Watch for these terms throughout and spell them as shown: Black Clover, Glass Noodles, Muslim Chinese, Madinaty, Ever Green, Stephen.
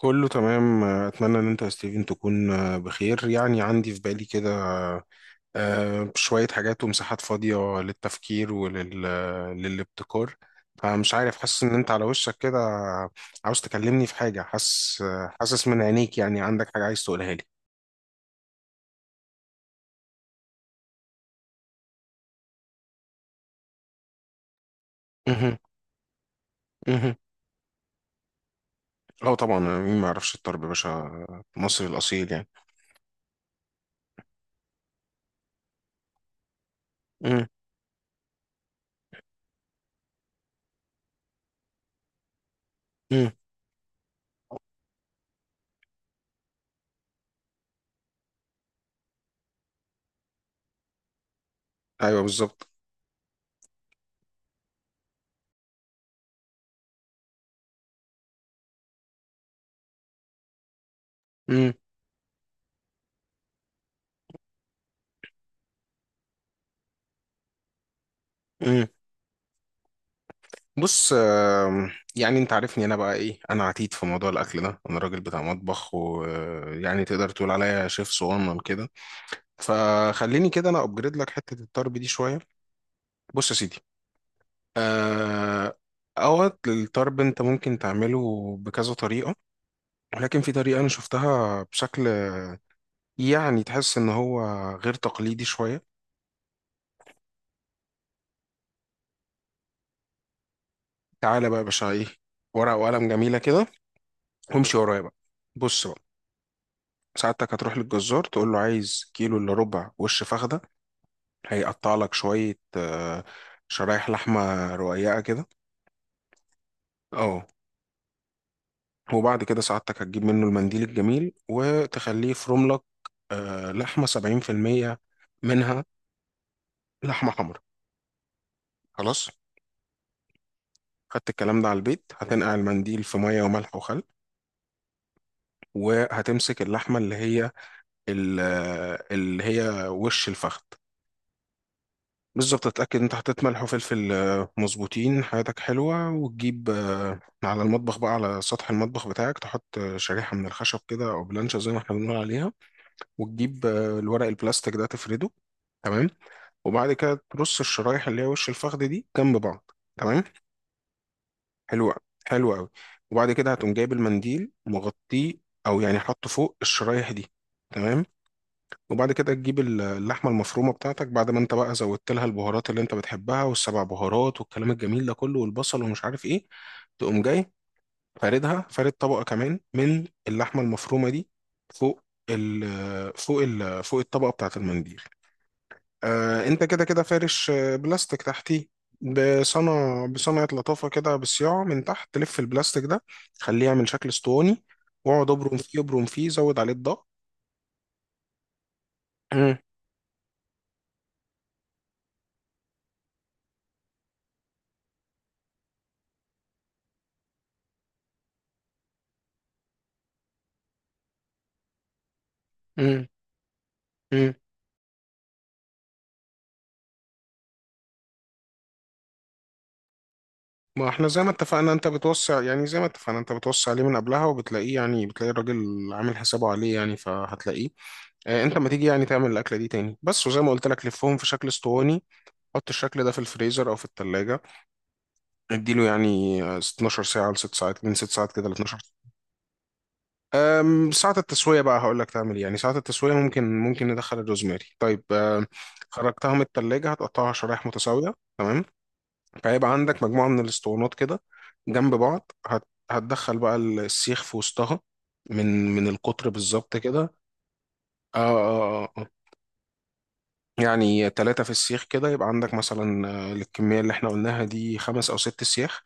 كله تمام. اتمنى ان انت يا ستيفن تكون بخير. يعني عندي في بالي كده شوية حاجات ومساحات فاضية للتفكير للابتكار. فمش عارف، حاسس ان انت على وشك كده عاوز تكلمني في حاجة. حاسس من عينيك، يعني عندك حاجة عايز تقولها لي. مهم. مهم. اه طبعا، مين ما يعرفش الطرب يا باشا؟ مصري الأصيل يعني. مم. مم. ايوه بالظبط. مم. بص، يعني انت عارفني انا بقى ايه، انا عتيد في موضوع الاكل ده، انا راجل بتاع مطبخ، ويعني تقدر تقول عليا شيف صغنن كده. فخليني كده انا ابجريد لك حته الطرب دي شويه. بص يا سيدي. آه، اوقات الطرب انت ممكن تعمله بكذا طريقه، ولكن في طريقه انا شفتها بشكل يعني تحس ان هو غير تقليدي شويه. تعالى بقى يا باشا، ايه، ورقه وقلم جميله كده، وامشي ورايا بقى. بص بقى. ساعتك هتروح للجزار تقول له عايز كيلو الا ربع وش فخده، هيقطع لك شويه شرايح لحمه رقيقه كده. اه. وبعد كده ساعتك هتجيب منه المنديل الجميل وتخليه يفرم لك لحمه 70% منها لحمه حمرا. خلاص. خدت الكلام ده على البيت، هتنقع المنديل في ميه وملح وخل، وهتمسك اللحمه اللي هي اللي هي وش الفخذ، بالظبط. تتأكد انت حطيت ملح وفلفل مظبوطين، حياتك حلوة. وتجيب على المطبخ بقى، على سطح المطبخ بتاعك تحط شريحة من الخشب كده أو بلانشة زي ما احنا بنقول عليها. وتجيب الورق البلاستيك ده تفرده. تمام. وبعد كده ترص الشرايح اللي هي وش الفخذ دي جنب بعض. تمام. حلو أوي، حلو أوي. وبعد كده هتقوم جايب المنديل مغطيه، أو يعني حطه فوق الشرايح دي. تمام. وبعد كده تجيب اللحمة المفرومة بتاعتك، بعد ما انت بقى زودت لها البهارات اللي انت بتحبها، والسبع بهارات والكلام الجميل ده كله، والبصل ومش عارف ايه، تقوم جاي فاردها، فارد طبقة كمان من اللحمة المفرومة دي فوق ال فوق ال فوق الطبقة بتاعة المنديل. انت كده فارش بلاستيك تحتيه، بصنعة لطافة كده بالصياعة، من تحت تلف البلاستيك ده، خليه يعمل شكل اسطواني، واقعد ابرم فيه ابرم فيه، زود عليه الضغط. مم، مم، مم. ما احنا زي ما اتفقنا انت بتوسع، يعني زي ما اتفقنا انت بتوسع عليه من قبلها، وبتلاقيه، يعني بتلاقي الراجل عامل حسابه عليه، يعني فهتلاقيه. اه، انت ما تيجي يعني تعمل الاكله دي تاني، بس وزي ما قلت لك لفهم في شكل اسطواني. حط الشكل ده في الفريزر او في التلاجة، اديله يعني 12 ساعه ل 6 ساعات، من 6 ساعات كده ل 12. ساعه التسويه بقى هقول لك تعمل ايه. يعني ساعه التسويه ممكن ندخل الروزماري. طيب. خرجتها من التلاجة، هتقطعها شرايح متساويه. تمام. فهيبقى عندك مجموعة من الاسطوانات كده جنب بعض، هتدخل بقى السيخ في وسطها، من القطر بالظبط كده. آه، آه، آه، آه. يعني 3 في السيخ كده، يبقى عندك مثلا للكمية اللي احنا قلناها دي 5 أو 6 سياخ.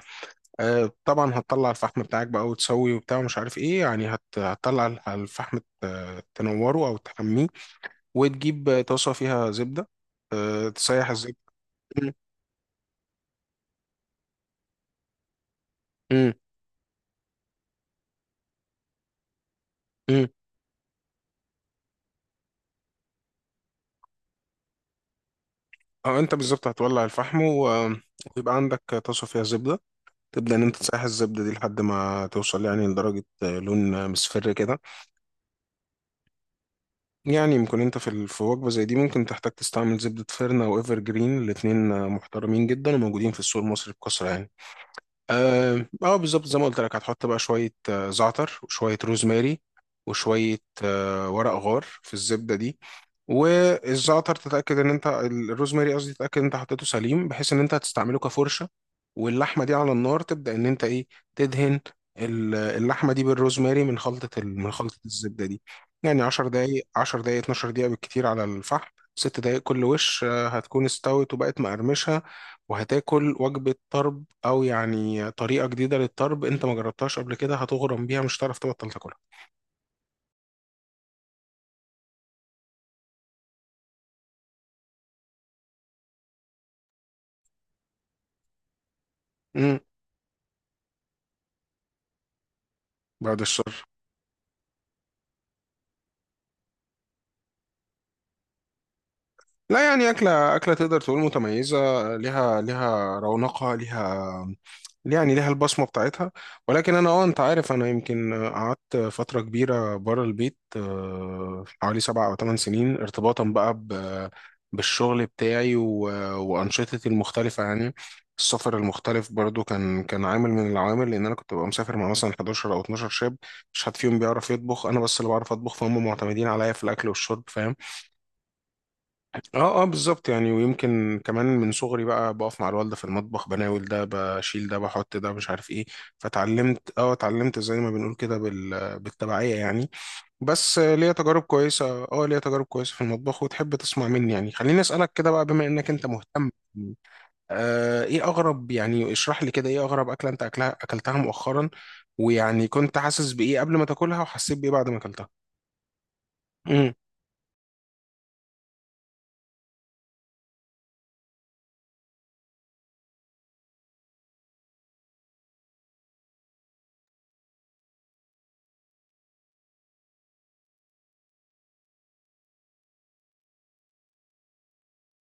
آه طبعا، هتطلع الفحم بتاعك بقى وتسوي وبتاع ومش عارف ايه، يعني هتطلع الفحم تنوره أو تحميه، وتجيب طاسة فيها زبدة. تسيح الزبدة. مم. مم. اه، انت بالظبط هتولع الفحم، ويبقى عندك طاسه فيها زبده، تبدا ان انت تسيح الزبده دي لحد ما توصل يعني لدرجه لون مصفر كده. يعني ممكن انت في في وجبه زي دي ممكن تحتاج تستعمل زبده فيرنا او ايفر جرين، الاثنين محترمين جدا وموجودين في السوق المصري بكثره يعني. اه، بالظبط زي ما قلت لك هتحط بقى شوية زعتر وشوية روزماري، وشوية ورق غار في الزبدة دي. والزعتر تتأكد ان انت الروزماري، قصدي، تتأكد ان انت حطيته سليم، بحيث ان انت هتستعمله كفرشة. واللحمة دي على النار، تبدأ ان انت ايه، تدهن اللحمة دي بالروزماري من خلطة من خلطة الزبدة دي. يعني 10 دقايق، 10 دقايق، 12 دقيقة بالكتير على الفحم، 6 دقايق كل وش هتكون استوت وبقت مقرمشة، وهتاكل وجبة طرب. او يعني طريقه جديده للطرب انت ما جربتهاش قبل كده، هتغرم بيها مش هتعرف تبطل تاكلها. امم. بعد الشر. لا، يعني أكلة تقدر تقول متميزة، ليها رونقها، ليها، يعني ليها البصمة بتاعتها. ولكن أنا أنت عارف، أنا يمكن قعدت فترة كبيرة بره البيت، حوالي 7 أو 8 سنين، ارتباطا بقى بالشغل بتاعي، وأنشطتي المختلفة يعني. السفر المختلف برضو كان عامل من العوامل، لأن أنا كنت ببقى مسافر مع مثلا 11 أو 12 شاب، مش حد فيهم بيعرف يطبخ، أنا بس اللي بعرف أطبخ، فهم معتمدين عليا في الأكل والشرب. اه. اه بالظبط. يعني ويمكن كمان من صغري بقى بقف مع الوالده في المطبخ، بناول ده، بشيل ده، بحط ده، مش عارف ايه، فتعلمت اه اتعلمت، زي ما بنقول كده بالتبعيه يعني. بس ليا تجارب كويسه في المطبخ. وتحب تسمع مني يعني؟ خليني اسالك كده بقى، بما انك انت مهتم. ايه اغرب، يعني اشرح لي كده ايه اغرب اكله انت اكلتها مؤخرا، ويعني كنت حاسس بايه قبل ما تاكلها وحسيت بايه بعد ما اكلتها. امم.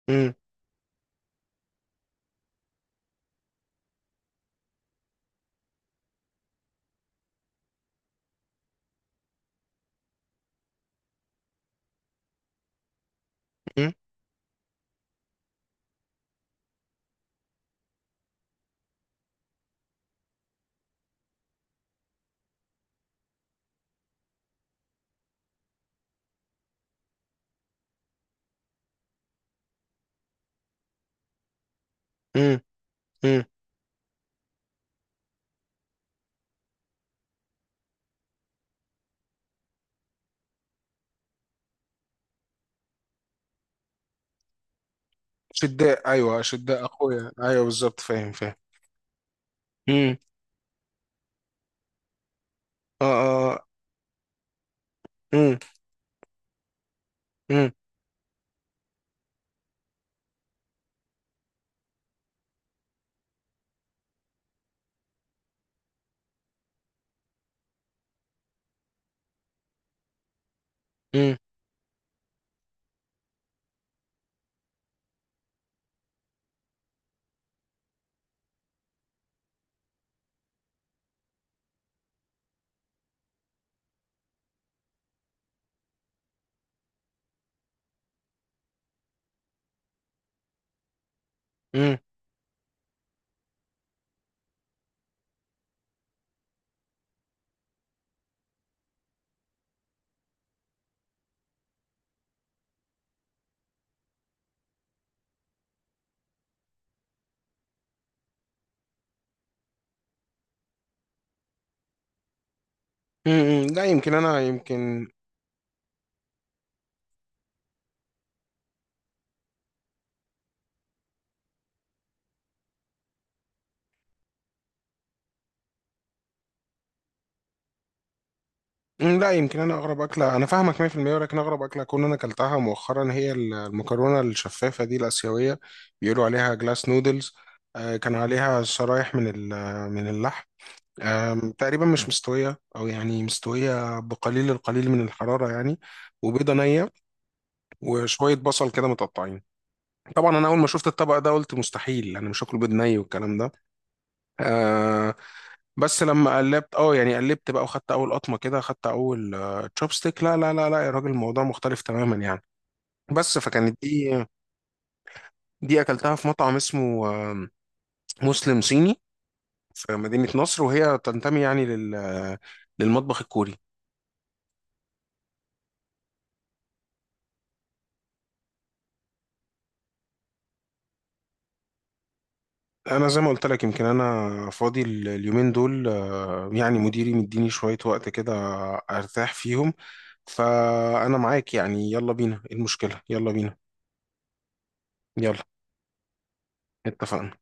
امم. امم. امم، امم. شداء، ايوه شداء اخويا، ايوه بالظبط، فاهم، فاهم. امم. اه. اه. امم. امم. امم. امم. امم. لا يمكن انا يمكن مم، لا يمكن انا اغرب اكله، انا فاهمك 100%، ولكن اغرب اكله اكون انا اكلتها مؤخرا هي المكرونه الشفافه دي الاسيويه، بيقولوا عليها جلاس نودلز. كان عليها شرايح من اللحم، تقريبا مش مستويه، او يعني مستويه بقليل القليل من الحراره يعني، وبيضه نيه، وشويه بصل كده متقطعين. طبعا انا اول ما شفت الطبق ده قلت مستحيل انا مش هاكل بيض ني والكلام ده. آه بس لما قلبت اه يعني قلبت بقى، وخدت اول قطمه كده، خدت اول تشوبستيك، لا لا لا لا يا راجل، الموضوع مختلف تماما يعني. بس فكانت دي اكلتها في مطعم اسمه مسلم صيني في مدينه نصر، وهي تنتمي يعني لل آه، للمطبخ الكوري. انا زي ما قلت لك يمكن انا فاضي اليومين دول، يعني مديني شوية وقت كده ارتاح فيهم، فانا معاك. يعني يلا بينا، إيه المشكلة، يلا بينا. يلا. اتفقنا.